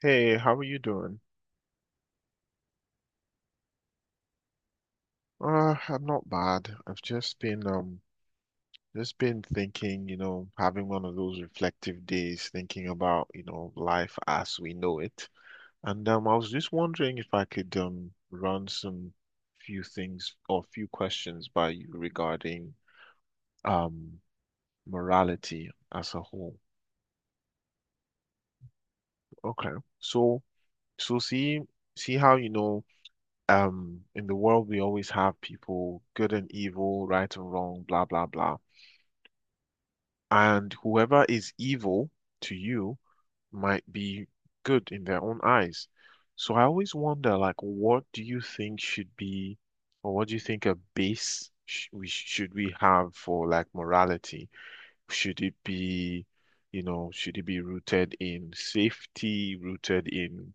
Hey, how are you doing? I'm not bad. I've just been thinking, you know, having one of those reflective days, thinking about, you know, life as we know it. And I was just wondering if I could run some few things or few questions by you regarding um morality as a whole. Okay. So so see how you know in the world we always have people good and evil, right and wrong, blah blah blah. And whoever is evil to you might be good in their own eyes. So I always wonder, like, what do you think should be, or what do you think a base sh we should we have for like morality? Should it be, you know, should it be rooted in safety, rooted in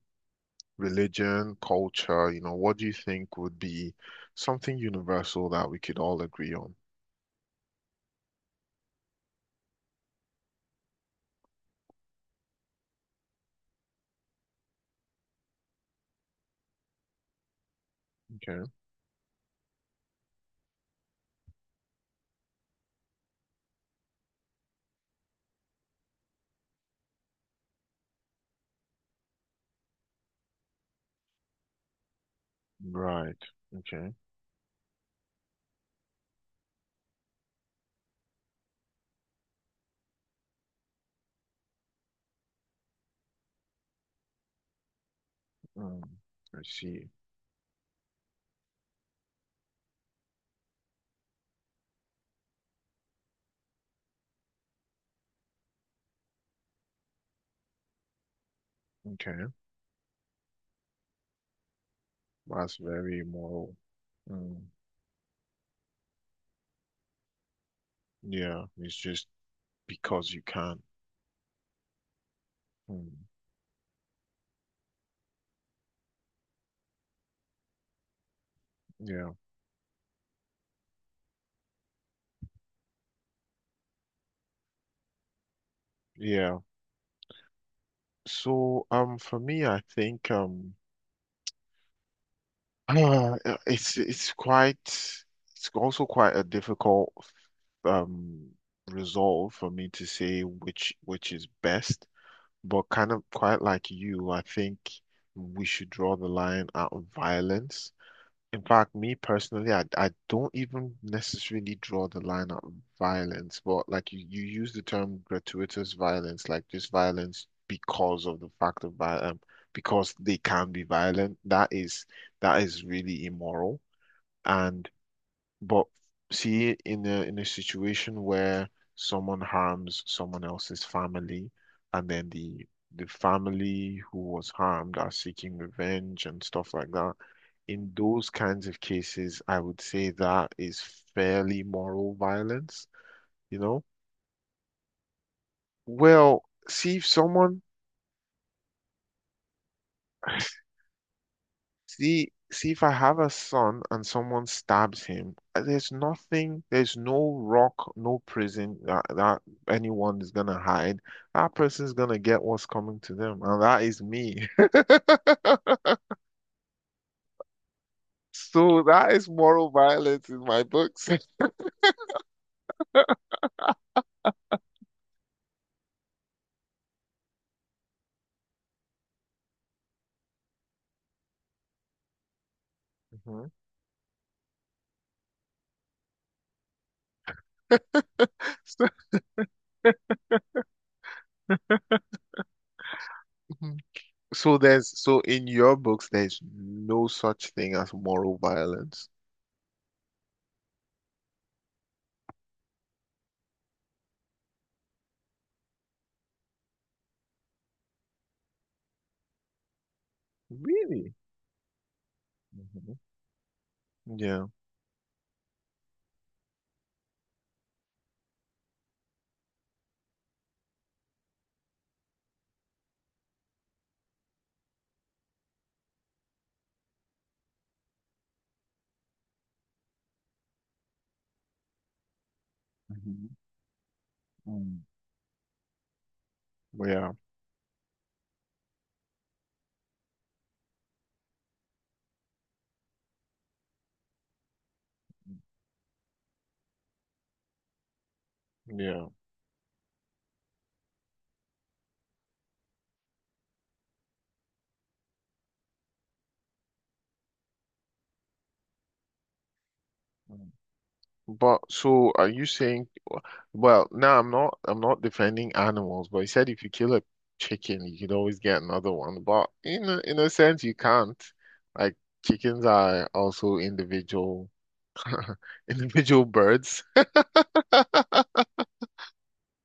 religion, culture? You know, what do you think would be something universal that we could all agree on? Okay. Right. Okay. Mm, I see. Okay, that's very immoral. Mm, yeah, it's just because you can. Mm, yeah, yeah. So, for me, I think it's quite it's also quite a difficult um resolve for me to say which is best, but kind of quite like you, I think we should draw the line at violence. In fact, me personally, I don't even necessarily draw the line at violence, but like you use the term gratuitous violence, like just violence because of the fact of violence, because they can be violent. That is really immoral. And but see, in a situation where someone harms someone else's family, and then the family who was harmed are seeking revenge and stuff like that, in those kinds of cases, I would say that is fairly moral violence, you know? Well, see if someone. See, see if I have a son and someone stabs him, there's nothing, there's no rock, no prison that, anyone is gonna hide. That person's gonna get what's coming to them, and that is me. So that is moral violence in my books. Mhm. So, so in your books, there's no such thing as moral violence. Really? Mhm. Yeah. Mhm. Mm, yeah. Yeah. Mm. But so are you saying, well, now I'm not defending animals, but you said if you kill a chicken, you could always get another one. But in a sense, you can't. Like chickens are also individual individual birds.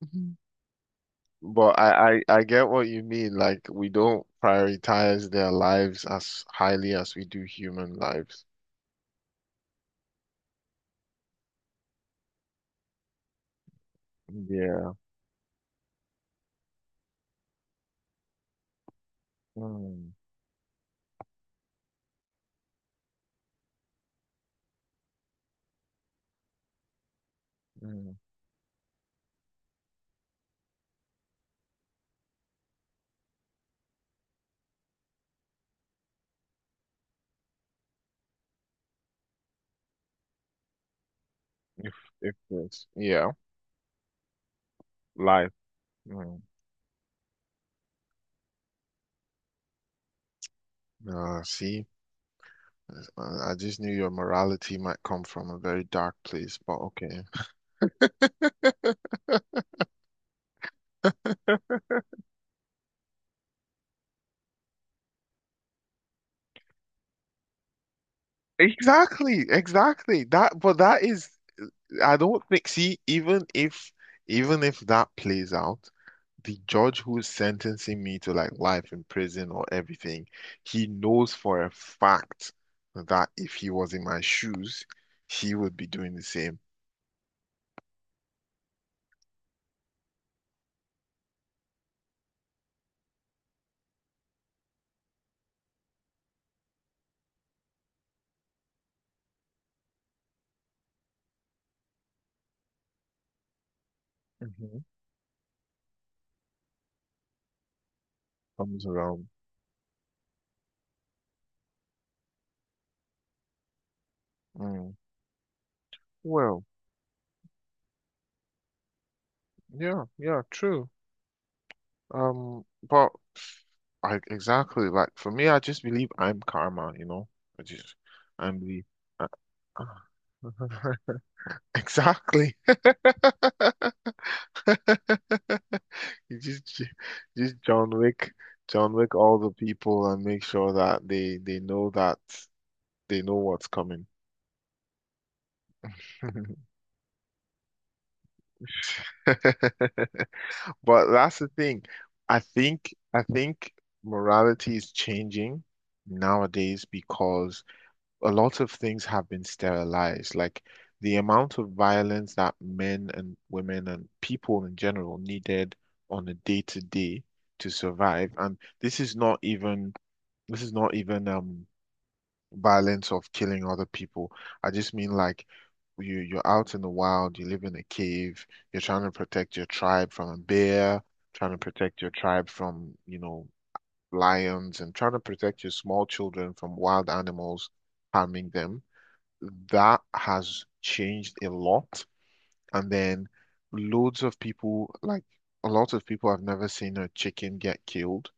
Mhm. But I get what you mean. Like we don't prioritize their lives as highly as we do human lives. Yeah. Mm, if if this, yeah, life. Mm. See, I just knew your morality might come from a very dark place, but okay. Exactly, exactly. That, but that is, I don't think. See, even if that plays out, the judge who's sentencing me to like life in prison or everything, he knows for a fact that if he was in my shoes, he would be doing the same. Hmm. Comes around. Mm. Well, yeah, yeah, true. But I exactly like for me, I just believe I'm karma, you know. I just. I'm the uh, exactly. You just John Wick, John Wick all the people and make sure that they know that they know what's coming. But that's the thing. I think morality is changing nowadays because a lot of things have been sterilized. Like the amount of violence that men and women and people in general needed on a day to day to survive. And this is not even violence of killing other people. I just mean like you're out in the wild, you live in a cave, you're trying to protect your tribe from a bear, trying to protect your tribe from, you know, lions and trying to protect your small children from wild animals harming them. That has changed a lot. And then loads of people like a lot of people I've never seen a chicken get killed.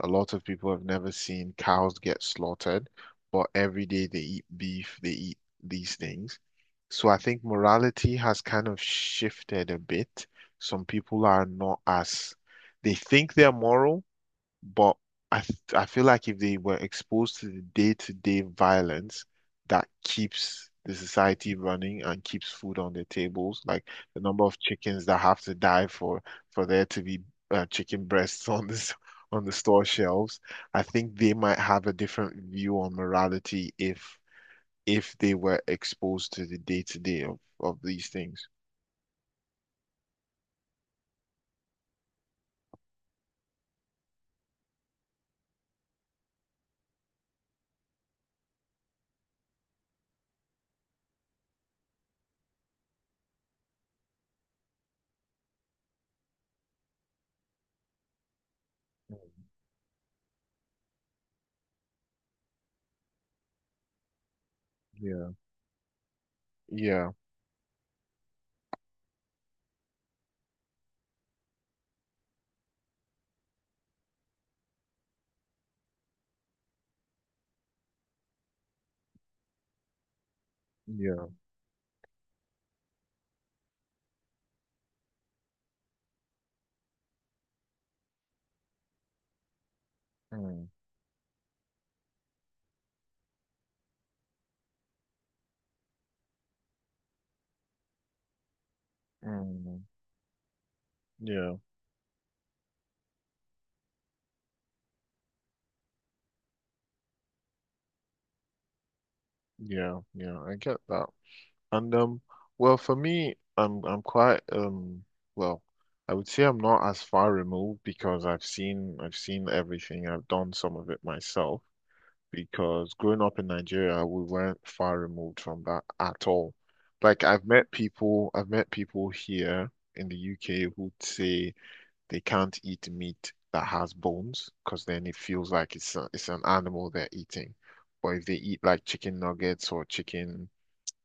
A lot of people have never seen cows get slaughtered, but every day they eat beef, they eat these things. So I think morality has kind of shifted a bit. Some people are not as, they think they're moral but I feel like if they were exposed to the day-to-day violence that keeps the society running and keeps food on their tables, like the number of chickens that have to die for there to be chicken breasts on this on the store shelves, I think they might have a different view on morality if they were exposed to the day-to-day of these things. Mm, yeah, yeah, yeah, mm, mm, yeah, yeah, yeah. I get that. And well, for me, I'm quite well, I would say I'm not as far removed because I've seen everything. I've done some of it myself because growing up in Nigeria, we weren't far removed from that at all. Like I've met people here in the UK who say they can't eat meat that has bones because then it feels like it's a, it's an animal they're eating. Or if they eat like chicken nuggets or chicken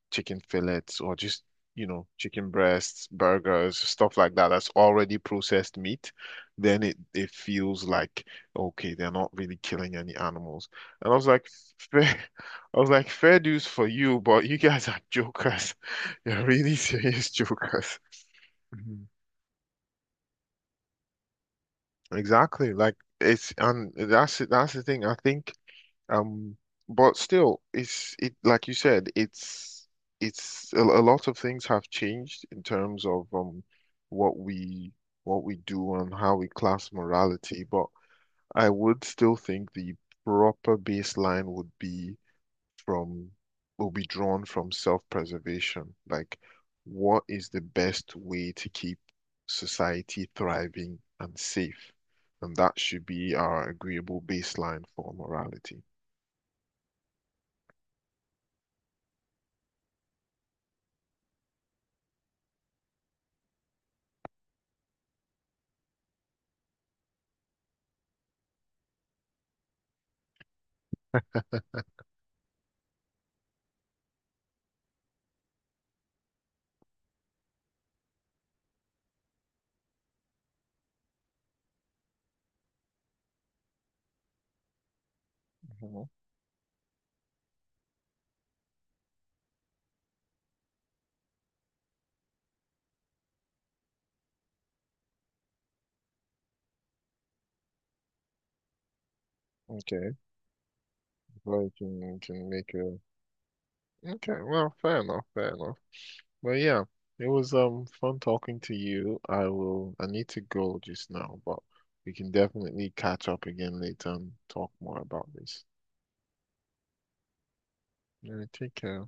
chicken fillets or just, you know, chicken breasts, burgers, stuff like that that's already processed meat, then it feels like, okay, they're not really killing any animals. And I was like, fair, I was like, fair dues for you, but you guys are jokers. You're really serious jokers. Mhm. Exactly. Like it's and that's the thing. I think. Um, but still, it like you said, it's a lot of things have changed in terms of what we what we do and how we class morality. But I would still think the proper baseline would be from will be drawn from self-preservation. Like, what is the best way to keep society thriving and safe? And that should be our agreeable baseline for morality. Mhm. Okay, well, you can make a okay. Well, fair enough, fair enough. But yeah, it was fun talking to you. I will. I need to go just now, but we can definitely catch up again later and talk more about this. Yeah, take care.